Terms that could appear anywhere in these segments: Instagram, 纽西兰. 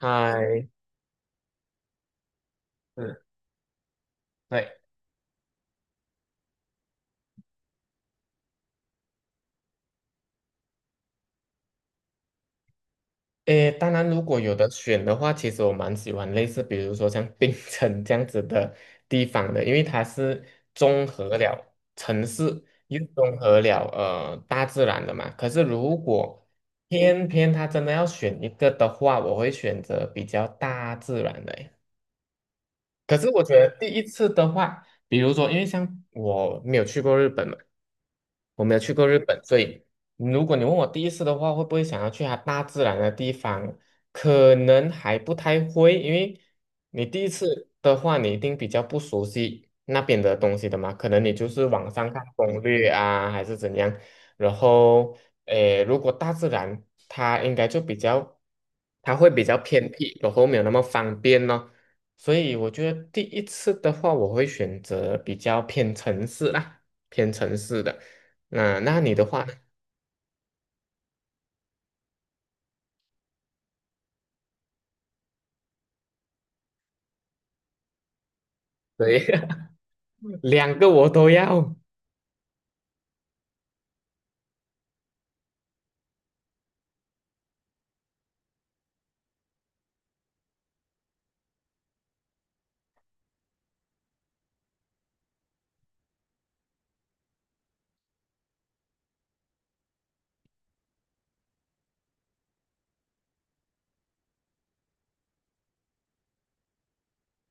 嗨。嗯。对。诶，当然，如果有的选的话，其实我蛮喜欢类似，比如说像槟城这样子的地方的，因为它是综合了城市，又综合了大自然的嘛。可是如果偏偏它真的要选一个的话，我会选择比较大自然的。可是我觉得第一次的话，比如说，因为像我没有去过日本嘛，我没有去过日本，所以如果你问我第一次的话，会不会想要去它大自然的地方？可能还不太会，因为你第一次的话，你一定比较不熟悉那边的东西的嘛，可能你就是网上看攻略啊，还是怎样。然后，诶，如果大自然，它应该就比较，它会比较偏僻，然后没有那么方便咯。所以我觉得第一次的话，我会选择比较偏城市啦，偏城市的。那你的话呢？对，两个我都要。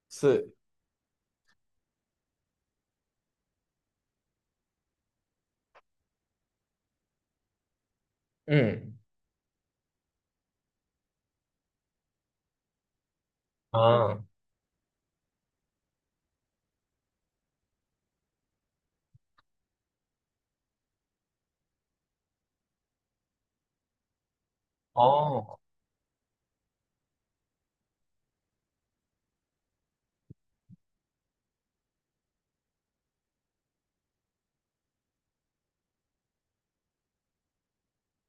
是。嗯。啊。哦。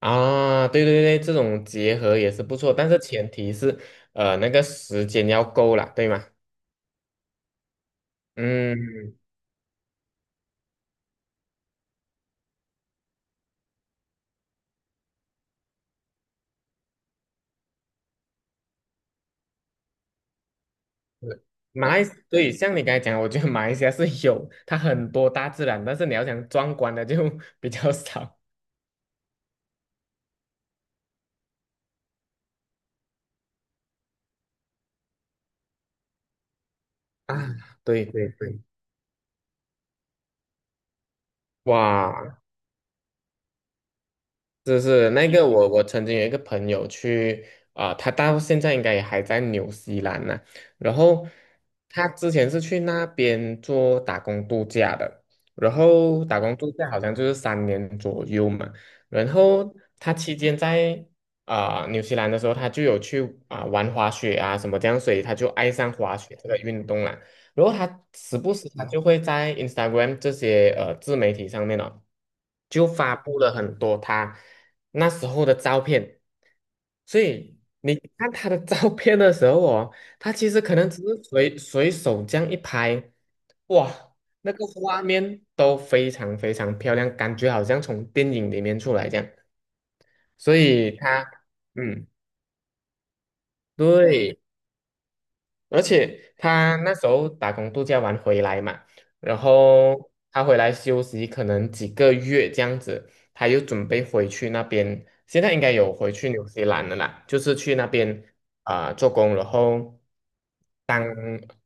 啊，对对对，这种结合也是不错，但是前提是，那个时间要够啦，对吗？嗯。是马来，对，像你刚才讲，我觉得马来西亚是有它很多大自然，但是你要想壮观的就 比较少。啊，对对对。哇，就是那个我曾经有一个朋友去啊、他到现在应该也还在纽西兰呢、然后他之前是去那边做打工度假的，然后打工度假好像就是3年左右嘛。然后他期间在啊、纽西兰的时候，他就有去啊、玩滑雪啊什么这样，所以他就爱上滑雪这个运动了。然后他时不时他就会在 Instagram 这些自媒体上面哦，就发布了很多他那时候的照片，所以你看他的照片的时候哦，他其实可能只是随随手这样一拍，哇，那个画面都非常非常漂亮，感觉好像从电影里面出来这样，所以他嗯，对。而且他那时候打工度假完回来嘛，然后他回来休息可能几个月这样子，他又准备回去那边，现在应该有回去纽西兰了啦，就是去那边啊、做工，然后当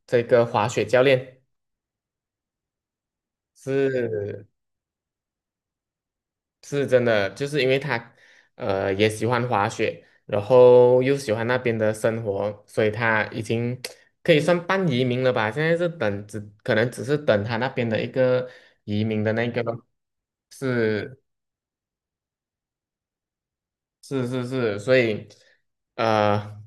这个滑雪教练，是是真的，就是因为他，呃，也喜欢滑雪，然后又喜欢那边的生活，所以他已经可以算半移民了吧？现在是等只可能只是等他那边的一个移民的那个，是是是是，所以呃，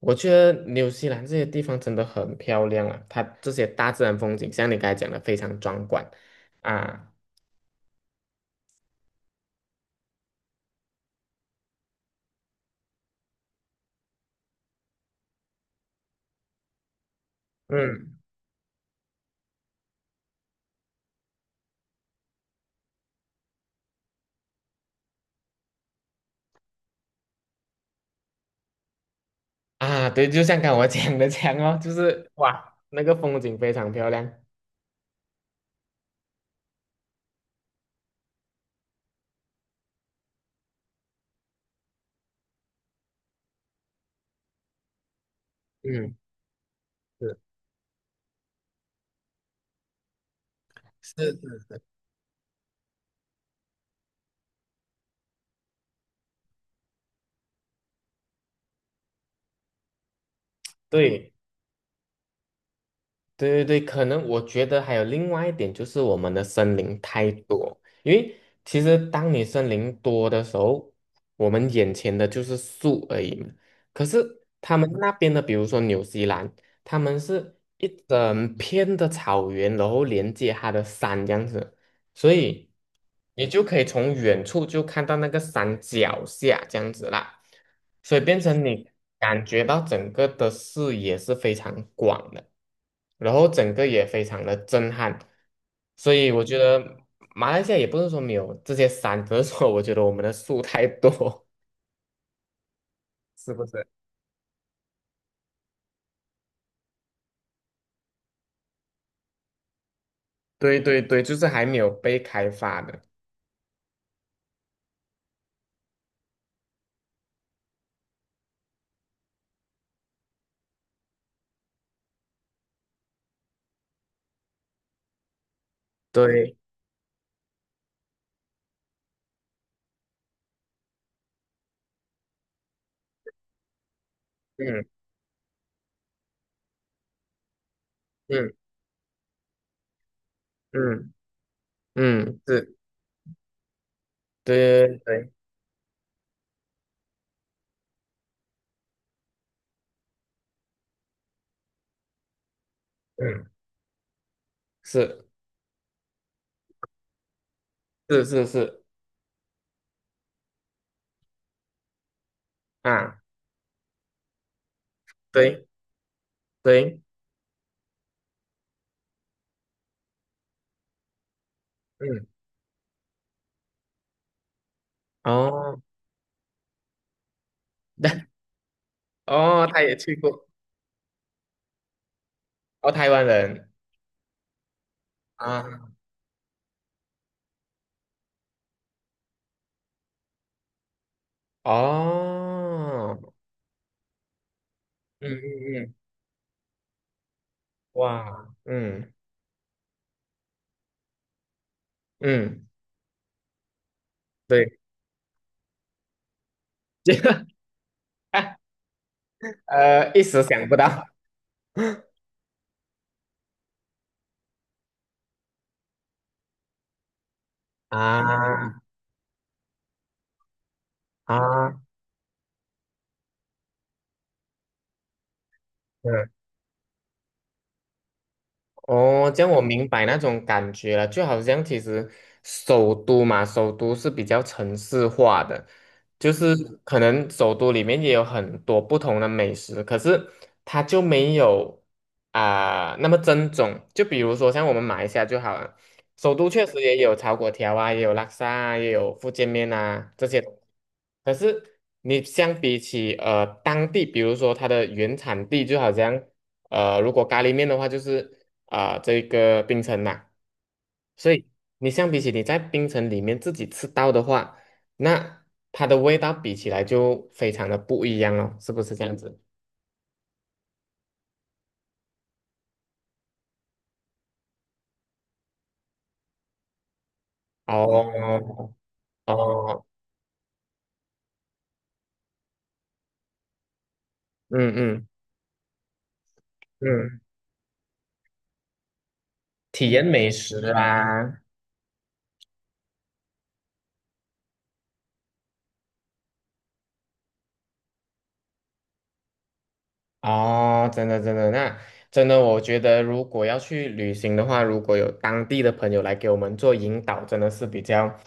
我觉得纽西兰这些地方真的很漂亮啊，它这些大自然风景，像你刚才讲的非常壮观啊。嗯。啊，对，就像刚我讲的这样哦，就是哇，那个风景非常漂亮。嗯，是是，对对对对，可能我觉得还有另外一点就是我们的森林太多，因为其实当你森林多的时候，我们眼前的就是树而已嘛。可是他们嗯那边的，比如说纽西兰，他们是一整片的草原，然后连接它的山这样子。所以你就可以从远处就看到那个山脚下这样子啦，所以变成你感觉到整个的视野是非常广的，然后整个也非常的震撼，所以我觉得马来西亚也不是说没有这些山，只是说我觉得我们的树太多。是不是？对对对，就是还没有被开发的。对。嗯嗯嗯嗯。是。对对对。嗯。是是是是啊。对对。嗯。哦。对。哦，他也去过。哦，台湾人啊。哦。嗯嗯嗯。哇。嗯嗯。对。这个一时想不到啊啊。嗯。哦，这样我明白那种感觉了，就好像其实首都嘛，首都是比较城市化的，就是嗯可能首都里面也有很多不同的美食，可是它就没有啊、那么正宗。就比如说像我们马来西亚就好了，首都确实也有炒果条啊，也有拉沙啊，也有福建面啊这些东西可是你相比起当地，比如说它的原产地，就好像。呃，如果咖喱面的话，就是啊、这个冰城嘛，所以你相比起你在冰城里面自己吃到的话，那它的味道比起来就非常的不一样了，是不是这样子？哦哦。嗯嗯嗯。体验美食啦。哦，真的真的，那真的，我觉得如果要去旅行的话，如果有当地的朋友来给我们做引导，真的是比较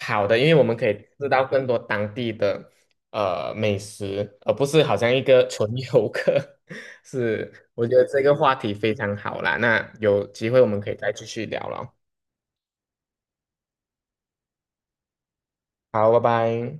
好的，因为我们可以知道更多当地的美食，而不是好像一个 纯游客。是，我觉得这个话题非常好啦，那有机会我们可以再继续聊了。好，拜拜。